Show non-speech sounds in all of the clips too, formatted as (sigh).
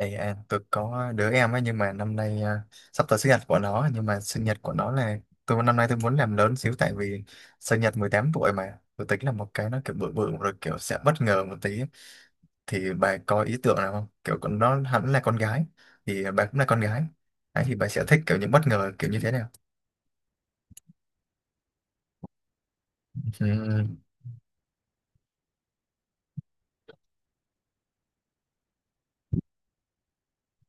Tôi có đứa em ấy, nhưng mà năm nay sắp tới sinh nhật của nó. Nhưng mà sinh nhật của nó là năm nay tôi muốn làm lớn xíu, tại vì sinh nhật 18 tuổi, mà tôi tính là một cái nó kiểu bự bự rồi, kiểu sẽ bất ngờ một tí. Thì bà có ý tưởng nào không? Kiểu con nó hẳn là con gái, thì bà cũng là con gái. Đấy, thì bà sẽ thích kiểu những bất ngờ kiểu như thế nào? Ừ.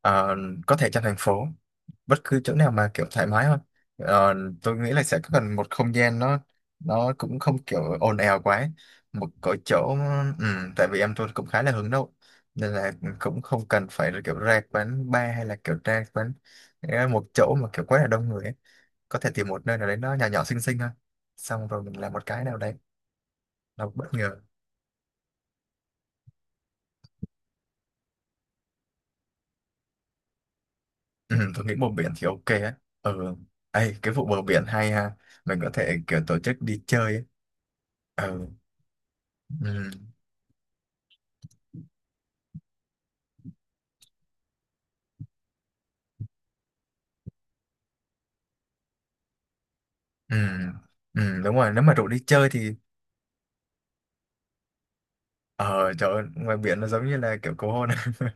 Ờ, có thể trong thành phố, bất cứ chỗ nào mà kiểu thoải mái hơn. Ờ, tôi nghĩ là sẽ cần một không gian nó cũng không kiểu ồn ào quá, một cái chỗ. ừ, Tại vì em tôi cũng khá là hướng nội, nên là cũng không cần phải là kiểu ra quán bar, hay là kiểu ra quán, một chỗ mà kiểu quá là đông người ấy. Có thể tìm một nơi nào đấy nó nhỏ nhỏ xinh xinh thôi, xong rồi mình làm một cái nào đấy nó bất ngờ. Ừ, tôi nghĩ bờ biển thì ok á. Ừ. Ấy, cái vụ bờ biển hay ha, mình có thể kiểu tổ chức đi chơi ấy. Ừ. Ừ. ừ ừ, đúng rồi, nếu mà rủ đi chơi thì… Ờ trời ơi, ngoài biển nó giống như là kiểu cầu hôn. (laughs)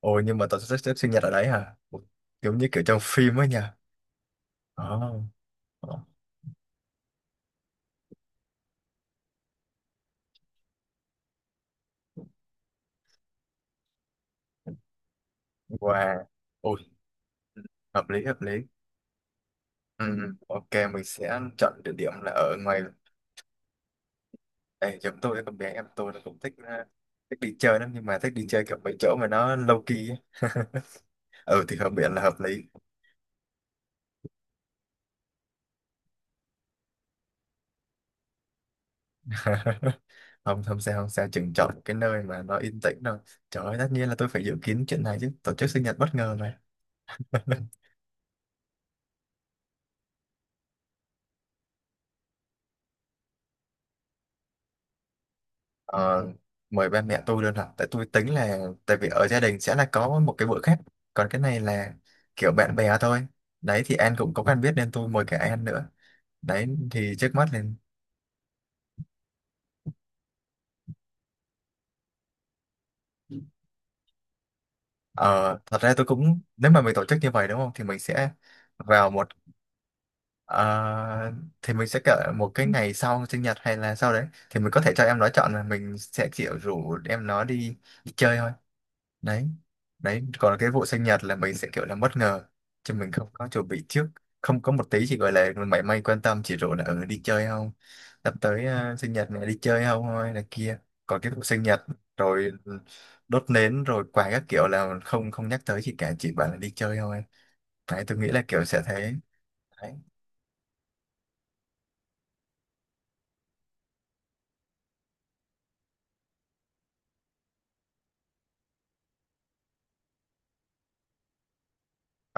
Ồ, nhưng mà tao sẽ xếp sinh nhật ở đấy hả? Giống như kiểu trong phim ấy nha. Ờ. Ờ. Wow. Ôi. Hợp lý, hợp lý. Ừ. Ừ, ok, mình sẽ chọn địa điểm là ở ngoài đây. Chúng tôi, con bé em tôi nó cũng thích, thích đi chơi lắm, nhưng mà thích đi chơi kiểu mấy chỗ mà nó low key ấy. (laughs) Ừ, thì hợp biển là hợp lý. (laughs) không không sao không sao chừng chọn một cái nơi mà nó yên tĩnh thôi. Trời ơi, tất nhiên là tôi phải dự kiến chuyện này chứ, tổ chức sinh nhật bất ngờ này. (laughs) Ờ, mời ba mẹ tôi luôn hả? Tại tôi tính là, tại vì ở gia đình sẽ là có một cái bữa khác, còn cái này là kiểu bạn bè thôi. Đấy, thì An cũng có quen biết nên tôi mời cả An nữa. Đấy, thì trước mắt lên… ờ, Thật ra tôi cũng, nếu mà mình tổ chức như vậy đúng không, thì mình sẽ vào một… Ờ, thì mình sẽ kể một cái ngày sau sinh nhật, hay là sau đấy, thì mình có thể cho em nó chọn, là mình sẽ kiểu rủ em nó đi chơi thôi. Đấy. Đấy, còn cái vụ sinh nhật là mình sẽ kiểu là bất ngờ, chứ mình không có chuẩn bị trước. Không có một tí, chỉ gọi là mảy may quan tâm, chỉ rủ là ừ, đi chơi không, sắp tới sinh nhật này đi chơi không thôi, là kia. Còn cái vụ sinh nhật rồi đốt nến rồi quà các kiểu là không, không nhắc tới gì cả, chỉ bảo là đi chơi thôi. Đấy, tôi nghĩ là kiểu sẽ thế.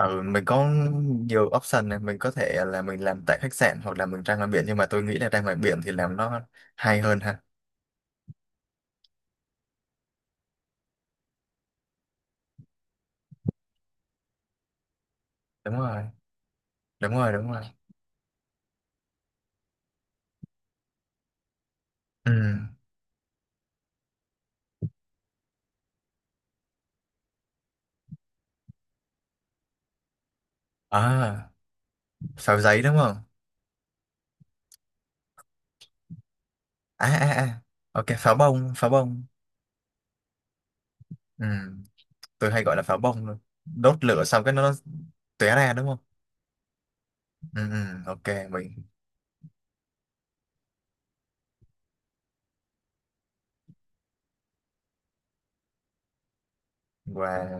Ừ, mình có nhiều option này. Mình có thể là mình làm tại khách sạn, hoặc là mình ra ngoài biển, nhưng mà tôi nghĩ là ra ngoài biển thì làm nó hay hơn ha. Đúng rồi. Đúng rồi. Ừ. À, pháo giấy đúng không? À à à, ok, pháo bông, pháo bông. Ừ, tôi hay gọi là pháo bông luôn. Đốt lửa xong cái nó tóe ra đúng không? Ừ. Ừ, ok mình. Và,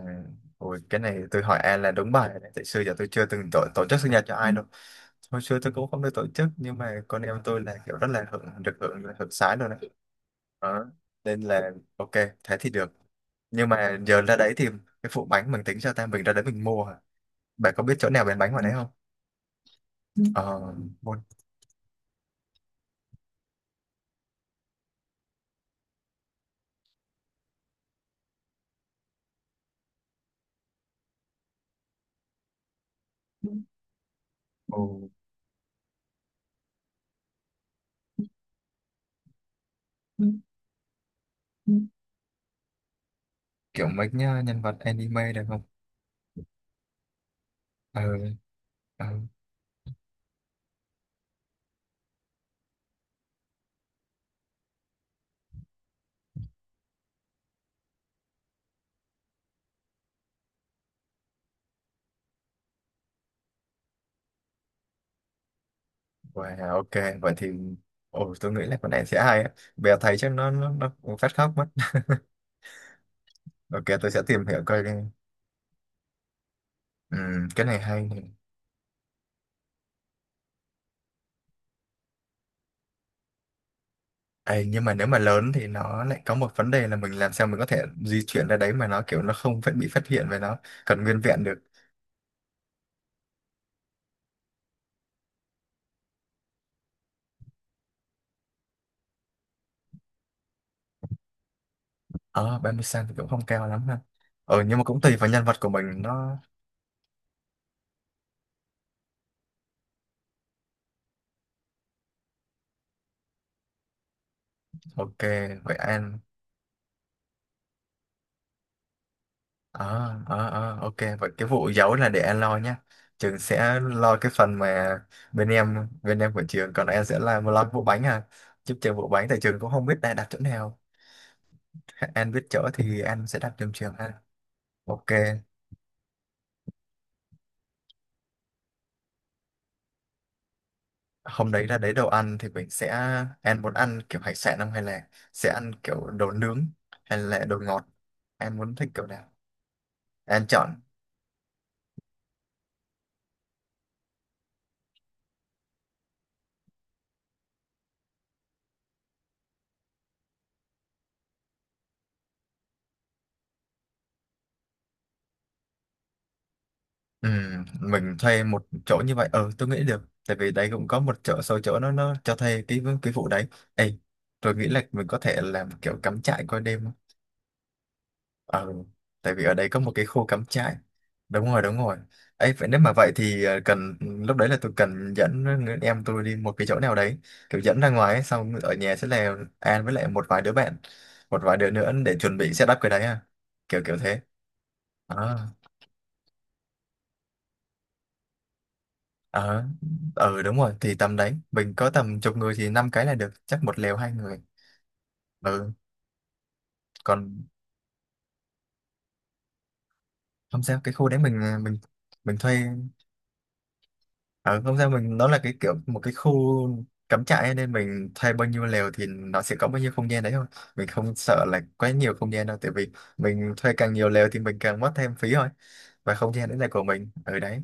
ôi cái này tôi hỏi An là đúng bài này, tại xưa giờ tôi chưa từng tổ chức sinh nhật cho ai đâu. Hồi xưa tôi cũng không được tổ chức, nhưng mà con em tôi là kiểu rất là được hưởng hưởng sái luôn đấy. Đó. Nên là ok, thế thì được. Nhưng mà giờ ra đấy thì cái phụ bánh mình tính cho ta, mình ra đấy mình mua hả? Bạn có biết chỗ nào bán bánh ngoài đấy không? Ờ, mua. Mua kiểu mấy nhá, nhân vật anime được không? Ờ. Ờ. Wow, ok vậy thì… Ồ, tôi nghĩ là con này sẽ hay á. Bèo thấy chắc nó cũng phát khóc mất. (laughs) Ok, tôi sẽ tìm hiểu coi đi. Ừ, cái này hay nè. Ê, nhưng mà nếu mà lớn thì nó lại có một vấn đề là mình làm sao mình có thể di chuyển ra đấy mà nó kiểu nó không phải bị phát hiện, và nó còn nguyên vẹn được. Ờ, 30 cm thì cũng không cao lắm ha. Ờ, nhưng mà cũng tùy vào nhân vật của mình nó… Ok vậy An. Ờ, ok, vậy cái vụ giấu là để An lo nhá. Trường sẽ lo cái phần mà bên em của Trường, còn An sẽ lo cái vụ bánh ha. Giúp Trường vụ bánh, tại Trường cũng không biết đã đặt chỗ nào. An biết chỗ thì An sẽ đặt trường ha. Ok, hôm đấy là, đấy, đồ ăn thì mình sẽ… Em muốn ăn kiểu hải sản không, hay là sẽ ăn kiểu đồ nướng, hay là đồ ngọt? Em muốn thích kiểu nào, em chọn. Ừ, mình thuê một chỗ như vậy, ờ tôi nghĩ được. Tại vì đấy cũng có một số chỗ nó cho thuê cái vụ đấy. Ê, tôi nghĩ là mình có thể làm kiểu cắm trại qua đêm. Ờ, tại vì ở đây có một cái khu cắm trại. Đúng rồi, đúng rồi. Ấy, vậy nếu mà vậy thì cần lúc đấy là tôi cần dẫn người em tôi đi một cái chỗ nào đấy, kiểu dẫn ra ngoài ấy, xong ở nhà sẽ là An với lại một vài đứa bạn, một vài đứa nữa để chuẩn bị setup cái đấy à. Kiểu kiểu thế. Ờ. ờ, ừ đúng rồi, thì tầm đấy, mình có tầm chục người thì 5 cái là được, chắc một lều 2 người. Ừ, còn không sao, cái khu đấy mình thuê. À, không sao, mình, nó là cái kiểu một cái khu cắm trại ấy, nên mình thuê bao nhiêu lều thì nó sẽ có bao nhiêu không gian đấy thôi. Mình không sợ là quá nhiều không gian đâu, tại vì mình thuê càng nhiều lều thì mình càng mất thêm phí thôi. Và không gian đấy là của mình ở đấy.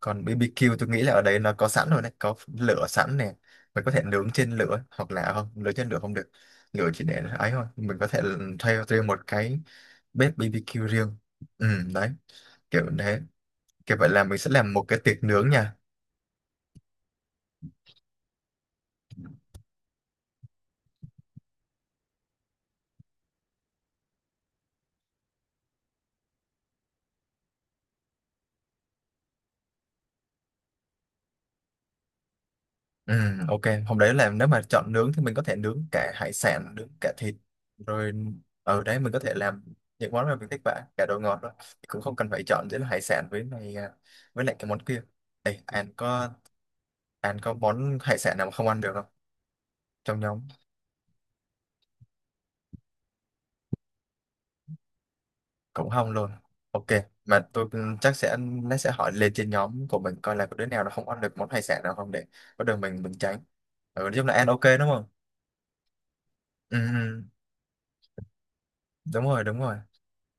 Còn BBQ tôi nghĩ là ở đấy nó có sẵn rồi đấy, có lửa sẵn nè. Mình có thể nướng trên lửa, hoặc là không nướng trên lửa không được. Lửa chỉ để ấy thôi, mình có thể thuê riêng một cái bếp BBQ riêng. Ừ. Đấy, kiểu thế. Kiểu vậy là mình sẽ làm một cái tiệc nướng nha. Ừ, ok. Hôm đấy là nếu mà chọn nướng thì mình có thể nướng cả hải sản, nướng cả thịt. Rồi, ở đấy mình có thể làm những món mà mình thích bạn, cả đồ ngọt rồi. Cũng không cần phải chọn giữa là hải sản với này à, với lại cái món kia. Ê, An có món hải sản nào mà không ăn được không? Trong nhóm. Cũng không luôn. Ok, mà tôi cũng chắc sẽ, nó sẽ hỏi lên trên nhóm của mình coi là có đứa nào nó không ăn được món hải sản nào không, để có đường mình tránh. Ừ, nói chung là An ok đúng không? Ừ. Ừ. Đúng rồi.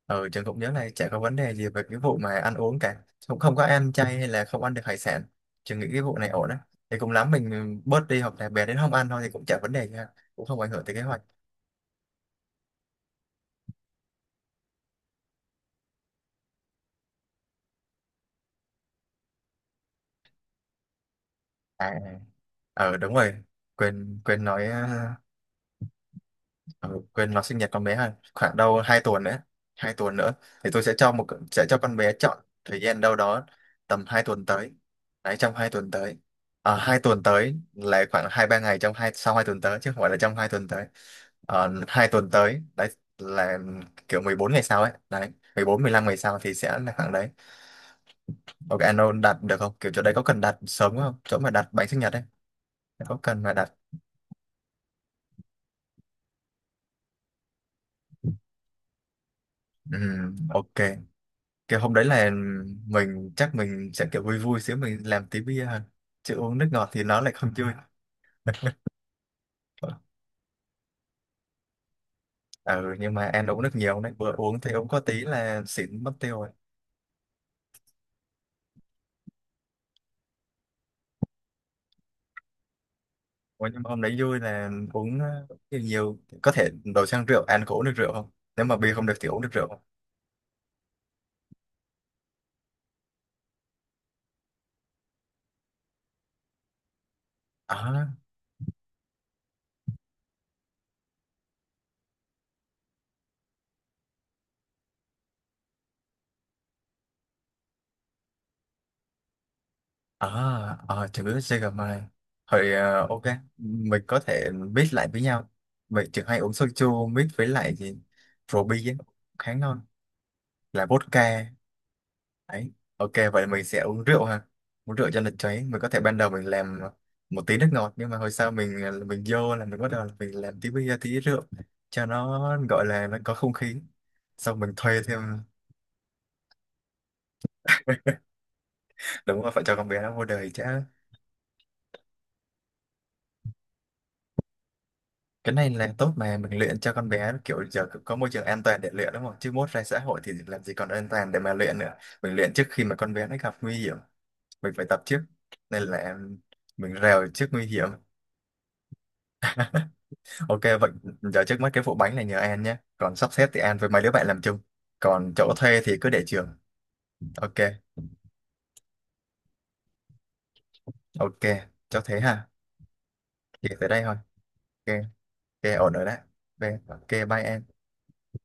Ừ, Trường cũng nhớ này chả có vấn đề gì về cái vụ mà ăn uống cả, cũng không có ăn chay hay là không ăn được hải sản. Trường nghĩ cái vụ này ổn á. Thì cũng lắm mình bớt đi, hoặc là bé đến không ăn thôi thì cũng chả vấn đề gì ha, cũng không ảnh hưởng tới kế hoạch. À, ờ, đúng rồi, quên quên nói ừ, quên, nó sinh nhật con bé ha, khoảng đâu 2 tuần nữa. 2 tuần nữa thì tôi sẽ cho một, sẽ cho con bé chọn thời gian đâu đó tầm 2 tuần tới. Đấy, trong 2 tuần tới. À, 2 tuần tới là khoảng 2 3 ngày trong hai sau 2 tuần tới, chứ không phải là trong 2 tuần tới. Ờ, 2 tuần tới đấy là kiểu 14 ngày sau ấy đấy, 14 15 ngày sau thì sẽ là khoảng đấy. Ok, anh Âu đặt được không? Kiểu chỗ đấy có cần đặt sớm không, chỗ mà đặt bánh sinh nhật ấy, có cần mà đặt? Ừ, ok. Kiểu hôm đấy là mình chắc mình sẽ kiểu vui vui xíu, mình làm tí bia hơn, chứ uống nước ngọt thì nó lại không vui. (laughs) Ừ, nhưng mà ăn uống nước nhiều đấy, vừa uống thì uống có tí là xỉn mất tiêu rồi. Ủa, nhưng mà hôm đấy vui là uống nhiều, nhiều, có thể đổi sang rượu. Ăn có uống được rượu không? Nếu mà bia không được thì uống được rượu không? À à à chữ CGM. Hồi, ờ, ok, mình có thể mix lại với nhau. Mình chỉ hay uống soju mix với lại gì rượu bia ấy, khá ngon, là vodka. Đấy. Ok, vậy mình sẽ uống rượu ha. Uống rượu cho nó cháy. Mình có thể ban đầu mình làm một tí nước ngọt, nhưng mà hồi sau mình, mình vô là mình bắt đầu là mình làm tí bia tí rượu cho nó gọi là nó có không khí. Xong mình thuê thêm… (laughs) Đúng rồi, phải cho con bé nó vô đời chứ. Cái này là tốt mà, mình luyện cho con bé, kiểu giờ có môi trường an toàn để luyện đúng không? Chứ mốt ra xã hội thì làm gì còn an toàn để mà luyện nữa. Mình luyện trước khi mà con bé nó gặp nguy hiểm. Mình phải tập trước. Nên là mình rèo trước nguy hiểm. Ok, vậy giờ trước mắt cái vụ bánh này nhờ An nhé. Còn sắp xếp thì An với mấy đứa bạn làm chung. Còn chỗ thuê thì cứ để Trường. Ok, ok, cho thế ha. Thì tới đây thôi. Ok. Ok, ổn rồi đấy. Ok, ok, bye An.